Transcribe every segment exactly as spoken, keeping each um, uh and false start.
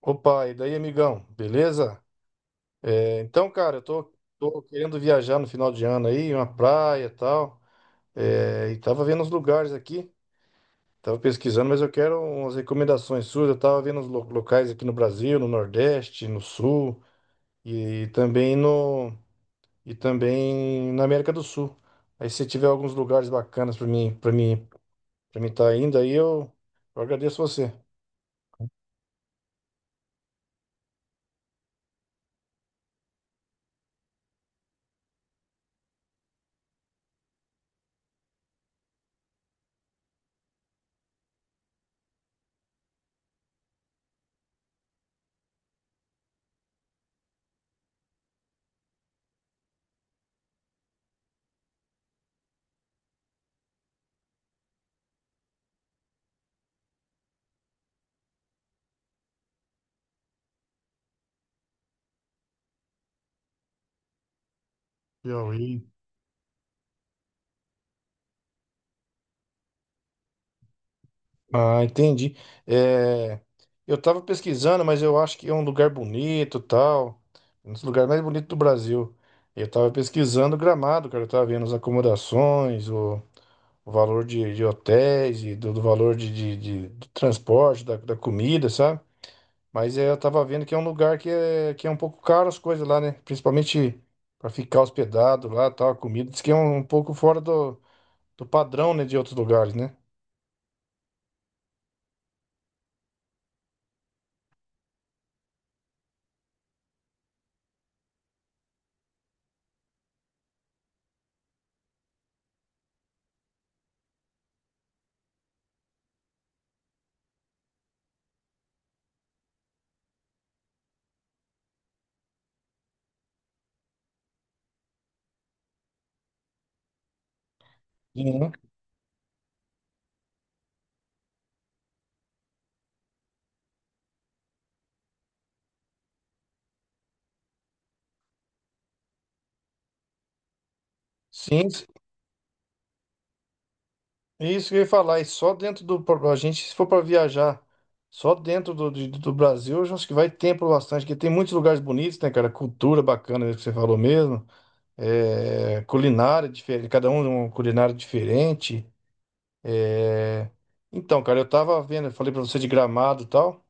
Opa, e daí, amigão? Beleza? É, então, cara, eu tô, tô querendo viajar no final de ano aí, uma praia e tal. É, e tava vendo os lugares aqui, tava pesquisando, mas eu quero umas recomendações suas. Eu tava vendo os lo- locais aqui no Brasil, no Nordeste, no Sul e também no e também na América do Sul. Aí se tiver alguns lugares bacanas para mim, para mim, para mim estar tá indo aí, eu, eu agradeço você. Piauí. Ah, entendi. É, eu tava pesquisando, mas eu acho que é um lugar bonito, tal, um dos lugares mais bonitos do Brasil. Eu tava pesquisando Gramado, cara, eu tava vendo as acomodações, o, o valor de, de hotéis e do, do valor de, de, de- do transporte, da, da comida, sabe? Mas é, eu tava vendo que é um lugar que é, que é um pouco caro as coisas lá, né? Principalmente para ficar hospedado lá, tal, a comida. Diz que é um, um pouco fora do, do padrão, né, de outros lugares, né? Sim. Sim. Isso que eu ia falar, e só dentro do. A gente, se for para viajar só dentro do, de- do Brasil, eu já acho que vai tempo bastante, porque tem muitos lugares bonitos, né, cara? Cultura bacana, isso que você falou mesmo. É, culinária diferente, cada um uma culinária diferente. É, então, cara, eu tava vendo, eu falei pra você de Gramado e tal.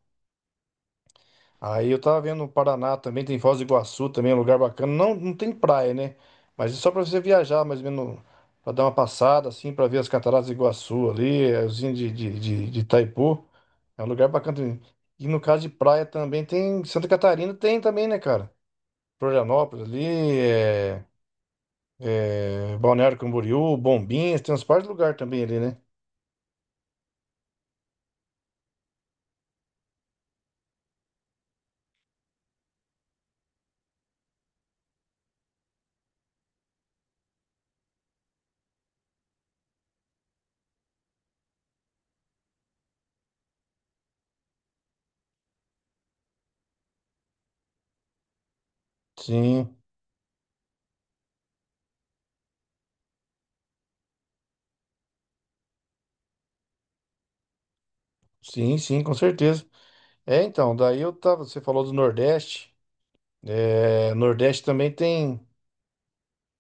Aí eu tava vendo o Paraná também, tem Foz do Iguaçu também, é um lugar bacana. Não, não tem praia, né? Mas é só pra você viajar, mais ou menos, pra dar uma passada, assim, pra ver as cataratas do Iguaçu ali, a usina de, de, de, de Itaipu. É um lugar bacana também. E no caso de praia também tem. Santa Catarina tem também, né, cara? Florianópolis ali, é, é, Balneário Camboriú, Bombinhas, tem uns par de lugar também ali, né? Sim, sim, sim, com certeza. É, então, daí eu tava. Você falou do Nordeste. É, Nordeste também tem.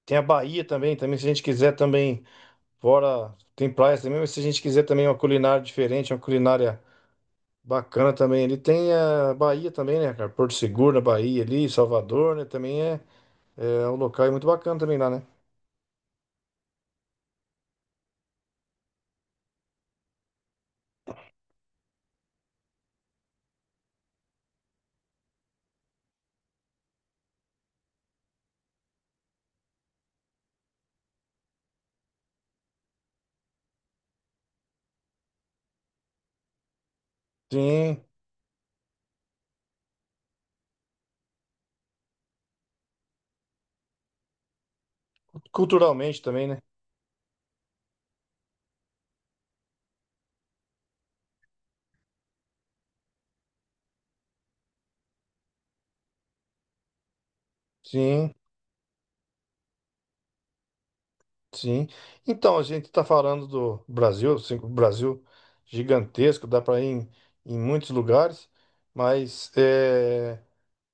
Tem a Bahia também, também, se a gente quiser também, fora. Tem praias também, mas se a gente quiser também uma culinária diferente, uma culinária. Bacana também. Ele tem a Bahia também, né, cara? Porto Seguro na Bahia ali, Salvador, né? Também é, é um local muito bacana também lá, né? Sim. Culturalmente também, né? Sim, sim. Então, a gente tá falando do Brasil, assim, o Brasil gigantesco, dá para ir em, em muitos lugares, mas é,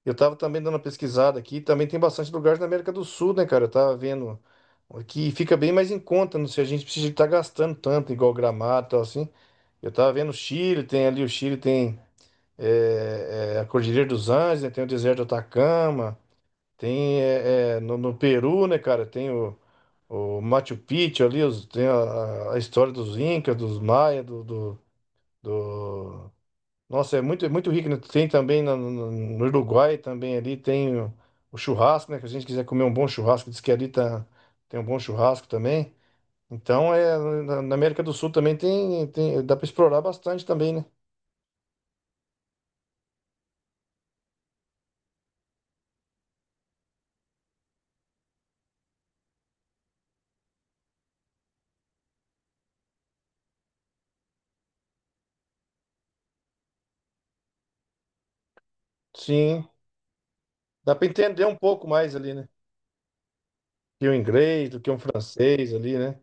eu tava também dando uma pesquisada aqui, também tem bastante lugares na América do Sul, né, cara? Eu tava vendo que fica bem mais em conta, não sei, a gente precisa estar gastando tanto, igual Gramado e tal, assim. Eu tava vendo o Chile, tem ali o Chile, tem é, é, a Cordilheira dos Andes, né? Tem o deserto do Atacama, tem é, é, no, no Peru, né, cara? Tem o, o Machu Picchu ali, os- tem a, a história dos Incas, dos Maia, do, do, do- nossa, é muito, é muito rico, né? Tem também na- no, no Uruguai, também ali tem o, o churrasco, né? Que a gente quiser comer um bom churrasco, diz que ali tá, tem um bom churrasco também. Então, é, na na América do Sul também tem, tem, dá para explorar bastante também, né? Sim, dá para entender um pouco mais ali, né? Que o inglês, do que um francês ali, né?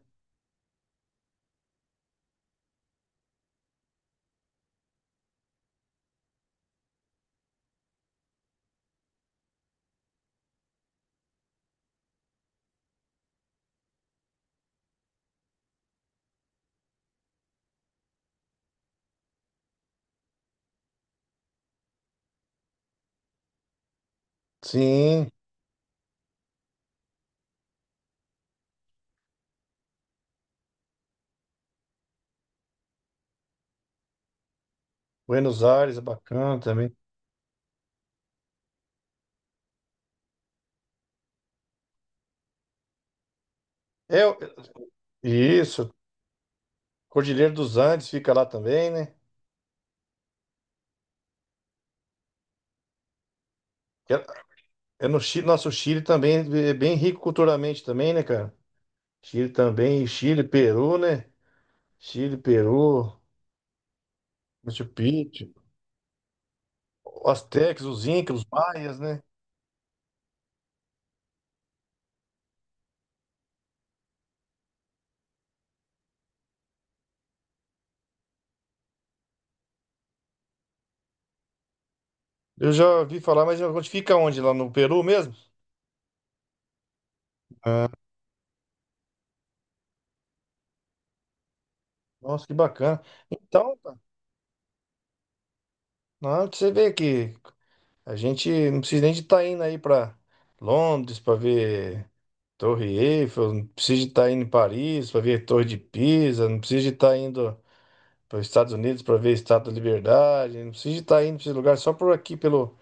Sim, Buenos Aires é bacana também. É, o- isso, Cordilheira dos Andes fica lá também, né? É, é no Chile, nosso Chile também é é bem rico culturalmente também, né, cara? Chile também, Chile, Peru, né? Chile, Peru, Machu Picchu, os Aztecas, os Incas, os Maias, né? Eu já ouvi falar, mas onde fica onde? Lá no Peru mesmo? Nossa, que bacana. Então, tá. Não, você vê que a gente não precisa nem de estar indo aí para Londres para ver Torre Eiffel, não precisa de estar indo em Paris para ver Torre de Pisa, não precisa de estar indo para os Estados Unidos para ver a Estátua da Liberdade, não precisa de estar indo para esse lugar só por aqui pelo,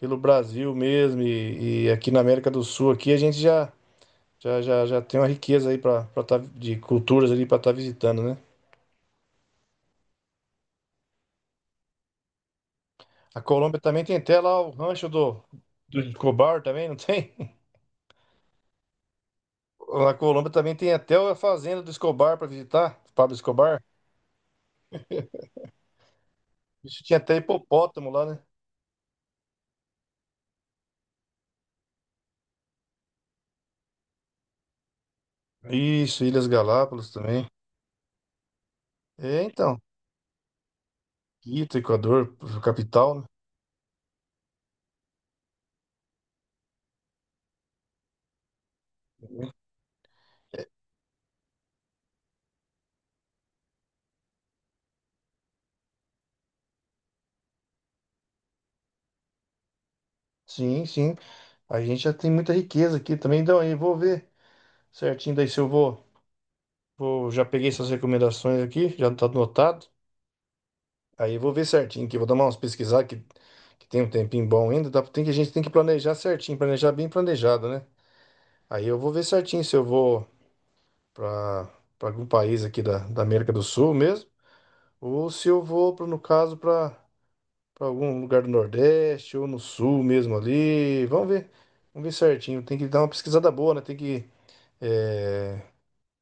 pelo Brasil mesmo e, e aqui na América do Sul aqui a gente já já, já, já tem uma riqueza aí para estar de culturas ali para estar visitando, né? A Colômbia também tem até lá o rancho do, do Escobar também, não tem? A Colômbia também tem até a fazenda do Escobar para visitar, Pablo Escobar. Isso tinha até hipopótamo lá, né? Isso, Ilhas Galápagos também. É, então, Quito, Equador, capital, né? Sim, sim. A gente já tem muita riqueza aqui também. Então, aí vou ver certinho daí se eu vou, vou. Já peguei essas recomendações aqui, já tá anotado. Aí eu vou ver certinho aqui, vou dar umas pesquisadas que, que tem um tempinho bom ainda. Dá, tem que, a gente tem que planejar certinho, planejar bem planejado, né? Aí eu vou ver certinho se eu vou para algum país aqui da, da América do Sul mesmo, ou se eu vou, pra, no caso, para algum lugar do Nordeste ou no Sul mesmo ali. Vamos ver, vamos ver certinho. Tem que dar uma pesquisada boa, né? Tem que é,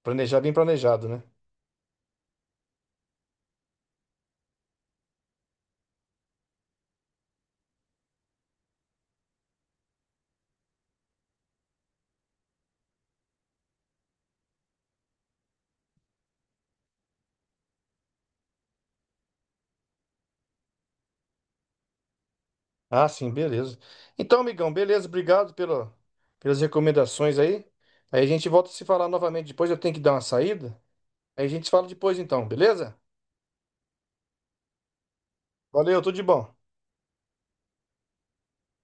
planejar bem planejado, né? Ah, sim, beleza. Então, amigão, beleza, obrigado pela, pelas recomendações aí. Aí a gente volta a se falar novamente depois. Eu tenho que dar uma saída. Aí a gente se fala depois, então, beleza? Valeu, tudo de bom.